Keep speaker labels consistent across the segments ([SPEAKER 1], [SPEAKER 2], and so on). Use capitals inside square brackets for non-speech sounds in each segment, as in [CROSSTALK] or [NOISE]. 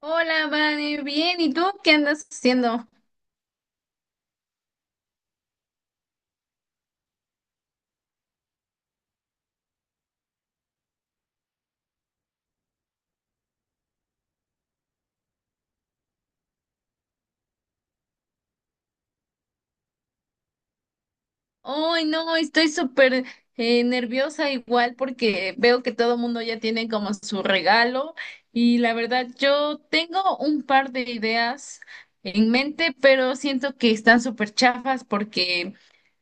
[SPEAKER 1] Hola, Vane, bien, ¿y tú qué andas haciendo? Ay, no, estoy súper nerviosa igual porque veo que todo el mundo ya tiene como su regalo y la verdad yo tengo un par de ideas en mente, pero siento que están súper chafas porque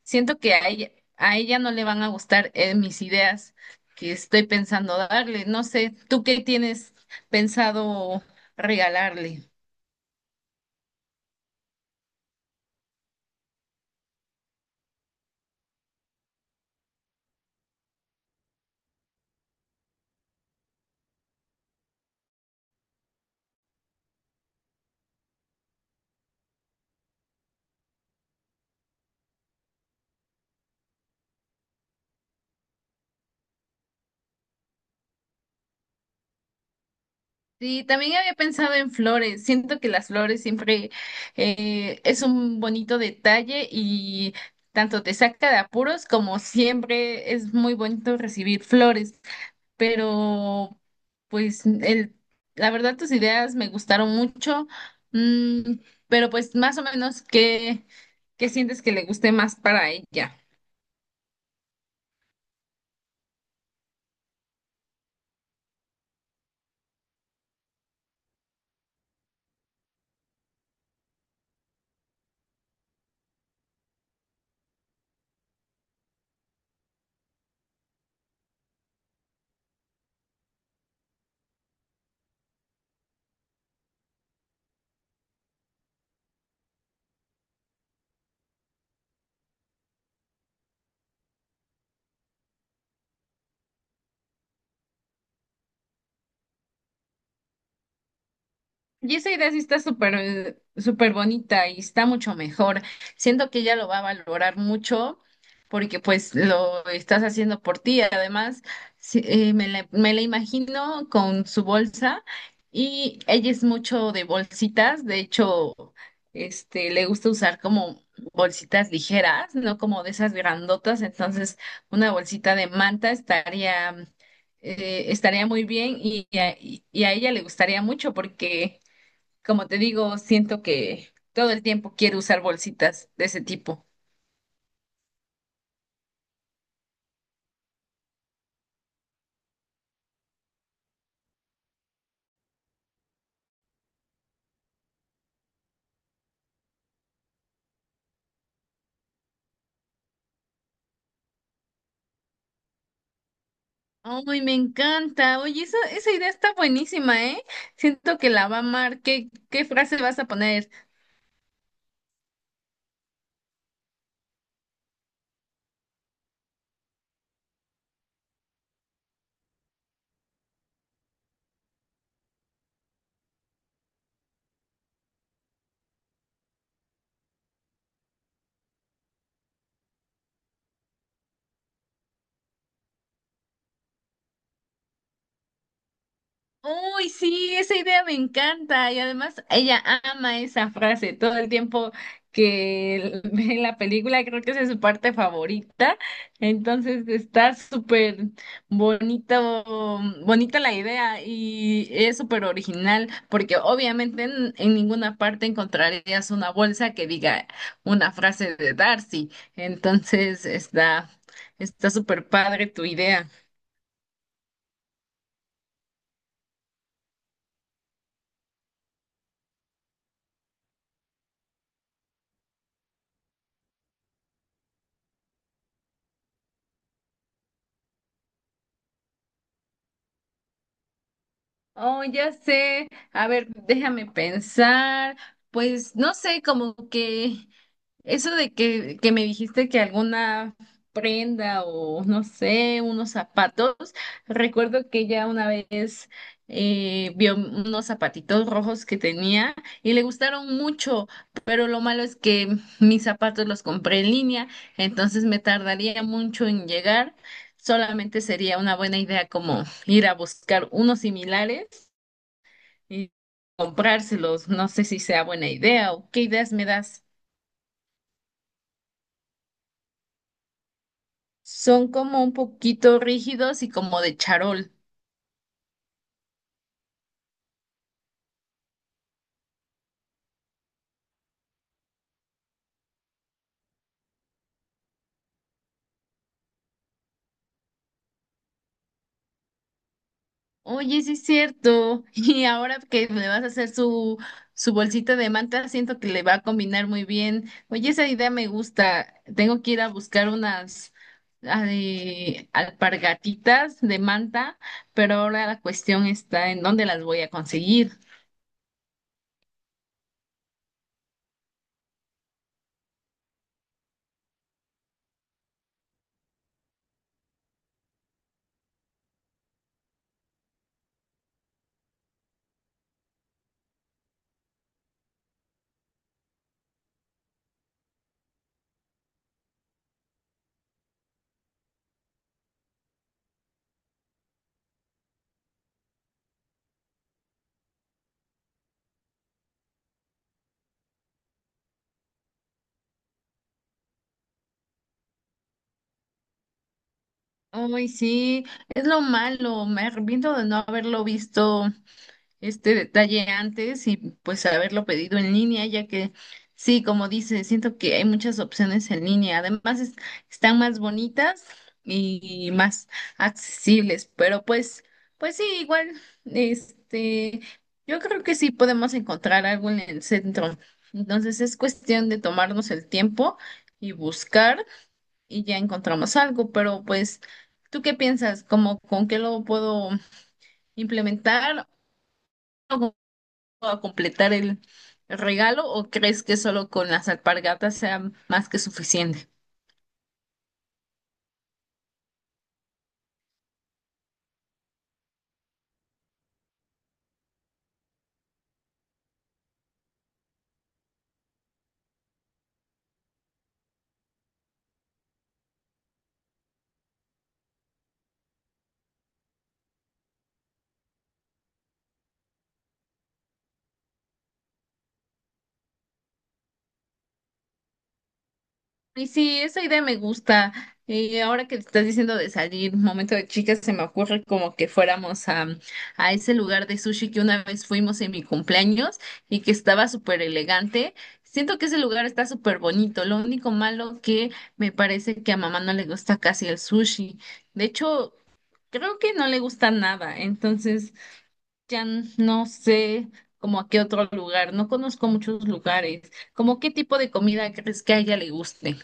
[SPEAKER 1] siento que a ella no le van a gustar mis ideas que estoy pensando darle. No sé, ¿tú qué tienes pensado regalarle? Sí, también había pensado en flores. Siento que las flores siempre es un bonito detalle y tanto te saca de apuros como siempre es muy bonito recibir flores. Pero, pues, la verdad tus ideas me gustaron mucho. Mm, pero, pues, más o menos, ¿qué sientes que le guste más para ella? Y esa idea sí está súper, súper bonita y está mucho mejor. Siento que ella lo va a valorar mucho porque pues lo estás haciendo por ti. Además, sí, me la imagino con su bolsa y ella es mucho de bolsitas. De hecho, este, le gusta usar como bolsitas ligeras, no como de esas grandotas. Entonces, una bolsita de manta estaría, estaría muy bien y a ella le gustaría mucho porque... Como te digo, siento que todo el tiempo quiero usar bolsitas de ese tipo. Ay, me encanta. Oye, esa idea está buenísima, ¿eh? Siento que la va a amar. ¿Qué frase vas a poner? Uy, sí, esa idea me encanta. Y además, ella ama esa frase todo el tiempo que [LAUGHS] ve la película, creo que esa es su parte favorita. Entonces, está súper bonito, bonita la idea y es súper original, porque obviamente en ninguna parte encontrarías una bolsa que diga una frase de Darcy. Entonces, está súper padre tu idea. Oh, ya sé. A ver, déjame pensar. Pues no sé, como que eso que me dijiste que alguna prenda o no sé, unos zapatos. Recuerdo que ella una vez vio unos zapatitos rojos que tenía y le gustaron mucho, pero lo malo es que mis zapatos los compré en línea, entonces me tardaría mucho en llegar. Solamente sería una buena idea como ir a buscar unos similares y comprárselos. No sé si sea buena idea o qué ideas me das. Son como un poquito rígidos y como de charol. Oye, sí es cierto. [LAUGHS] Y ahora que le vas a hacer su bolsita de manta, siento que le va a combinar muy bien. Oye, esa idea me gusta. Tengo que ir a buscar unas ay, alpargatitas de manta, pero ahora la cuestión está en dónde las voy a conseguir. Ay, sí, es lo malo. Me arrepiento de no haberlo visto este detalle antes y pues haberlo pedido en línea, ya que sí, como dice, siento que hay muchas opciones en línea. Además, están más bonitas y más accesibles, pero pues, pues sí, igual, este, yo creo que sí podemos encontrar algo en el centro. Entonces es cuestión de tomarnos el tiempo y buscar y ya encontramos algo, pero pues, ¿tú qué piensas? ¿Cómo con qué lo puedo implementar? A completar el regalo o crees que solo con las alpargatas sea más que suficiente? Y sí, esa idea me gusta. Y ahora que te estás diciendo de salir, momento de chicas, se me ocurre como que fuéramos a ese lugar de sushi que una vez fuimos en mi cumpleaños y que estaba súper elegante. Siento que ese lugar está súper bonito. Lo único malo que me parece que a mamá no le gusta casi el sushi. De hecho, creo que no le gusta nada. Entonces, ya no sé como a qué otro lugar, no conozco muchos lugares, como qué tipo de comida crees que a ella le guste.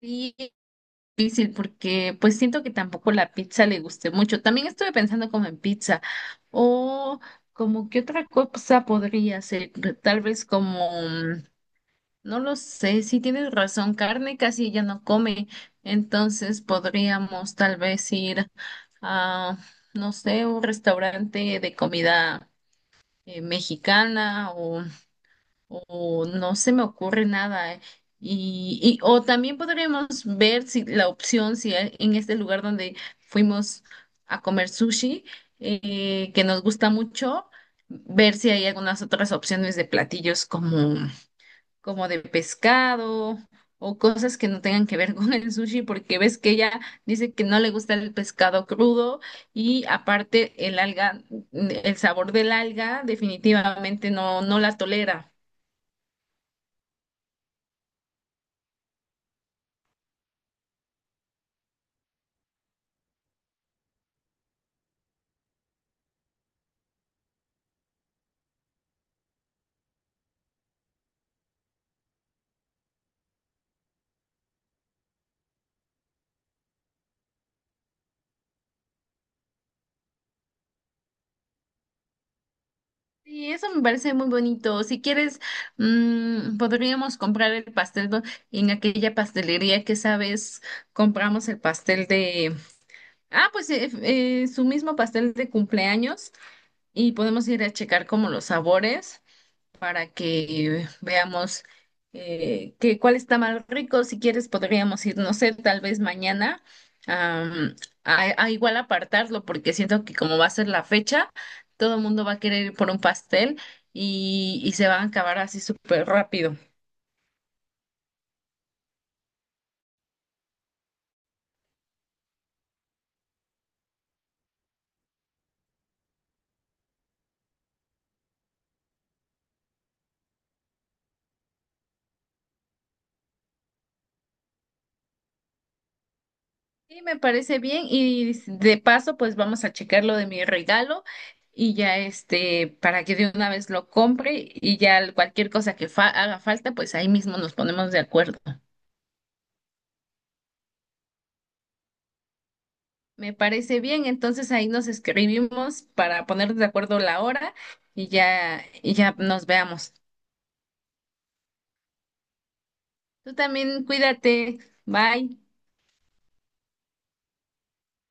[SPEAKER 1] Sí, es difícil porque pues siento que tampoco la pizza le guste mucho. También estuve pensando como en pizza o como qué otra cosa podría ser, tal vez como, no lo sé, si tienes razón, carne casi ella no come, entonces podríamos tal vez ir a, no sé, un restaurante de comida mexicana o no se me ocurre nada. O también podríamos ver si la opción, si hay- en este lugar donde fuimos a comer sushi, que nos gusta mucho, ver si hay algunas otras opciones de platillos como de pescado o cosas que no tengan que ver [LAUGHS] con el sushi, porque ves que ella dice que no le gusta el pescado crudo y aparte el alga, el sabor del alga definitivamente no, no la tolera. Y eso me parece muy bonito. Si quieres, podríamos comprar el en aquella pastelería que sabes, compramos el pastel de... Ah, pues su mismo pastel de cumpleaños y podemos ir a checar como los sabores, para que veamos que cuál está más rico. Si quieres, podríamos ir, no sé, tal vez mañana am, a igual apartarlo, porque siento que como va a ser la fecha, todo el mundo va a querer ir por un pastel y se van a acabar así súper rápido. Sí, me parece bien y de paso, pues vamos a checar lo de mi regalo. Y ya este, para que de una vez lo compre y ya cualquier cosa que haga falta, pues ahí mismo nos ponemos de acuerdo. Me parece bien, entonces ahí nos escribimos para poner de acuerdo la hora y ya nos veamos. Tú también cuídate, bye.